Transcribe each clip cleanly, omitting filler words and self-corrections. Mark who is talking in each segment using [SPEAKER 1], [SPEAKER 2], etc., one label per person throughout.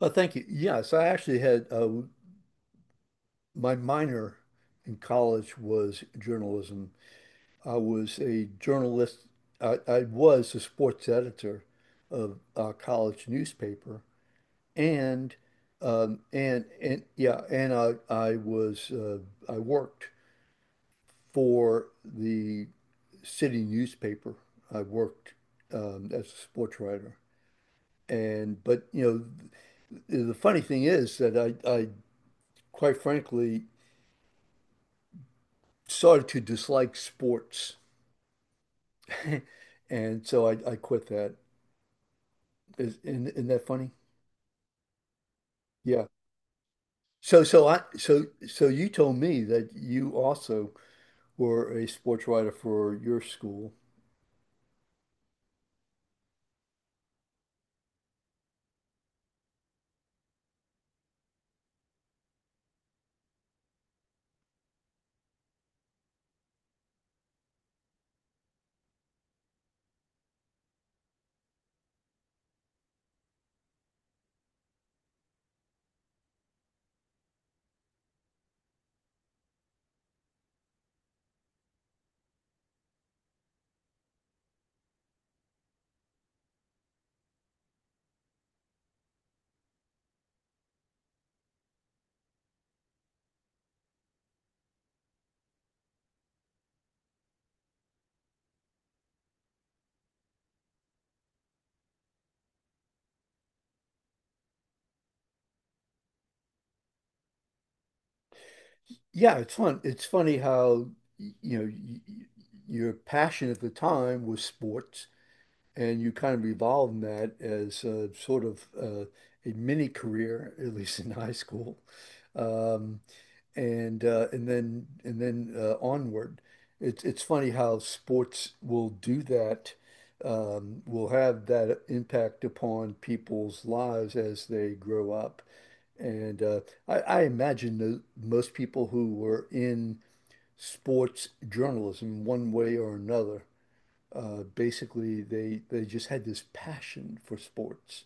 [SPEAKER 1] Oh, thank you. Yes, I actually had my minor in college was journalism. I was a journalist. I was the sports editor of a college newspaper, and and yeah, and I was I worked for the city newspaper. I worked as a sports writer, and but the funny thing is that I quite frankly started to dislike sports, and so I quit that. Is, Isn't that funny? Yeah. So so I so so you told me that you also were a sports writer for your school. Yeah, it's fun. It's funny how y- you know y y- your passion at the time was sports, and you kind of evolved in that as a sort of a mini career, at least in high school. Um, and then onward. It's funny how sports will do that, will have that impact upon people's lives as they grow up. And I imagine that most people who were in sports journalism, one way or another, basically they just had this passion for sports.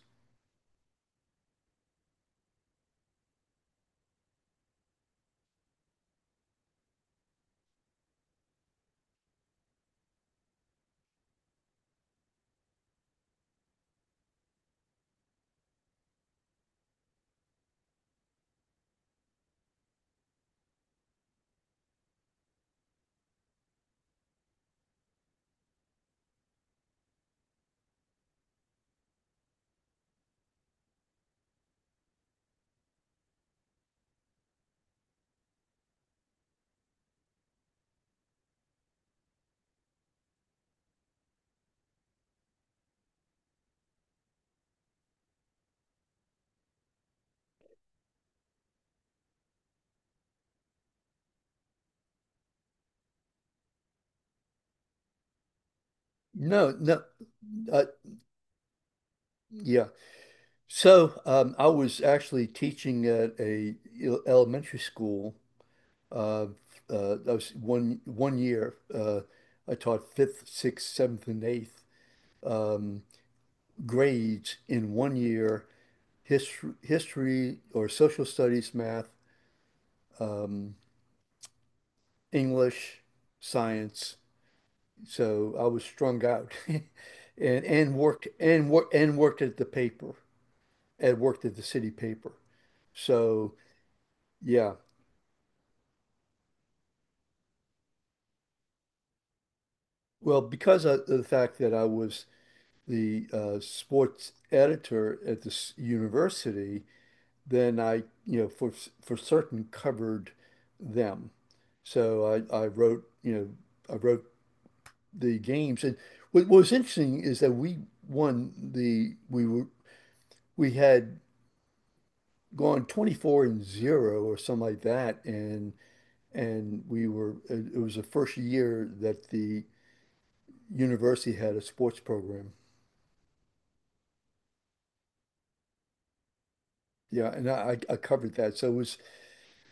[SPEAKER 1] No, no, uh, yeah. So I was actually teaching at a elementary school. Uh, I was one year. I taught fifth, sixth, seventh, and eighth um, grades in one year. History or social studies, math, um, English, science. So I was strung out, and worked at the paper and worked at the city paper. So. Yeah. Well, because of the fact that I was the sports editor at this university, then I, you know, for certain covered them. So I wrote, you know, I wrote the games, and what was interesting is that we won the we were we had gone 24-0 or something like that, and we were it it was the first year that the university had a sports program. Yeah, and I covered that. So it was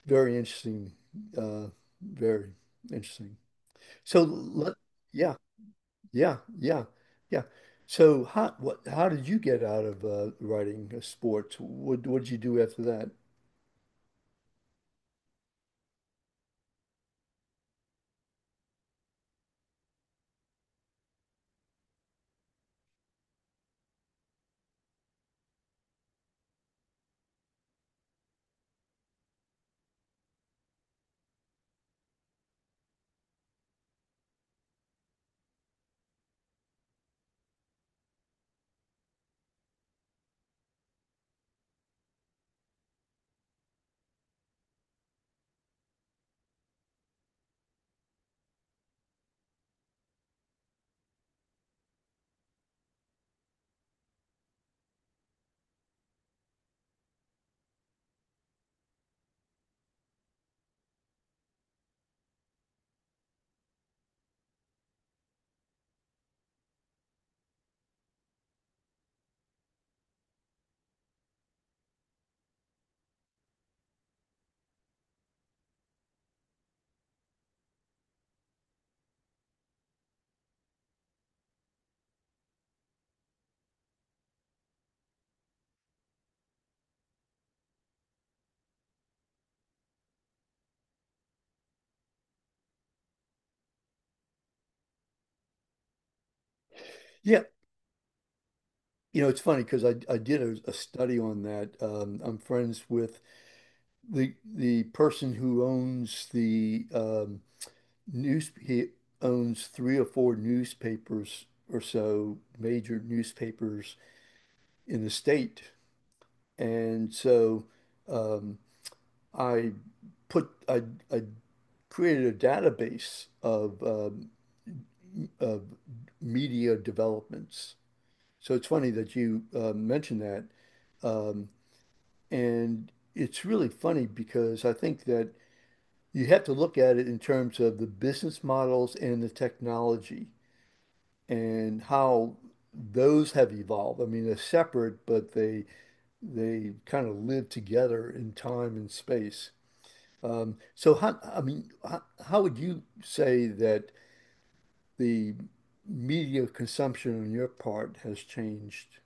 [SPEAKER 1] very interesting. Uh, very interesting. So let, yeah, yeah, yeah, yeah. So how what how did you get out of writing sports? What did you do after that? Yeah, you know, it's funny because I did a study on that. I'm friends with the person who owns the news. He owns three or four newspapers or so, major newspapers in the state. And so um, I put I, I created a database of of media developments. So it's funny that you mentioned that, um, and it's really funny because I think that you have to look at it in terms of the business models and the technology and how those have evolved. I mean, they're separate, but they kind of live together in time and space. So how, I mean, how would you say that the media consumption on your part has changed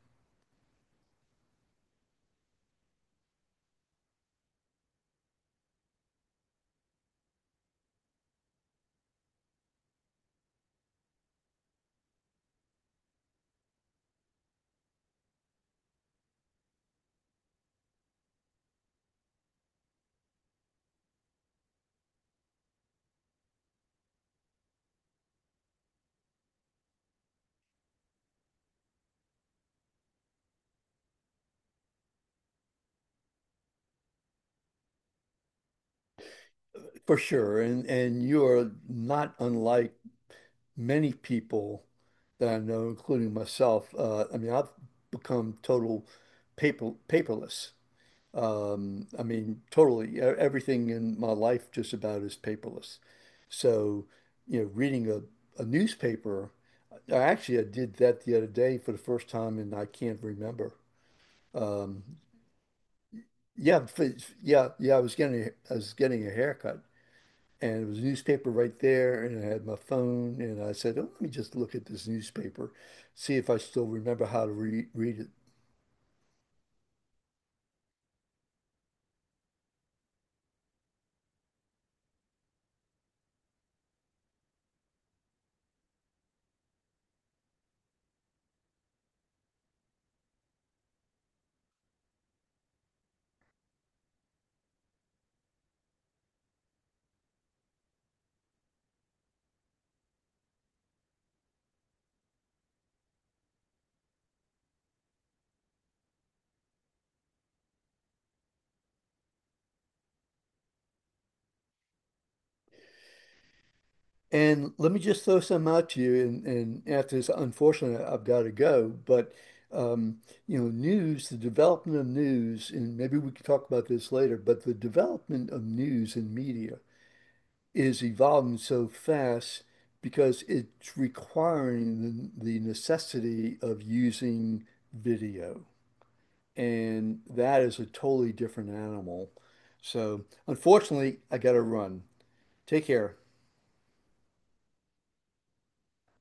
[SPEAKER 1] for sure? And you're not unlike many people that I know, including myself. I mean, I've become total paperless. I mean, totally. Everything in my life just about is paperless. So, you know, reading a newspaper, I did that the other day for the first time, and I can't remember. Um, yeah. I was getting a haircut, and it was a newspaper right there, and I had my phone, and I said, "Oh, let me just look at this newspaper, see if I still remember how to read it." And let me just throw some out to you. And after this, unfortunately, I've got to go. But, um, you know, news, the development of news, and maybe we can talk about this later, but the development of news and media is evolving so fast because it's requiring the necessity of using video. And that is a totally different animal. So, unfortunately, I got to run. Take care.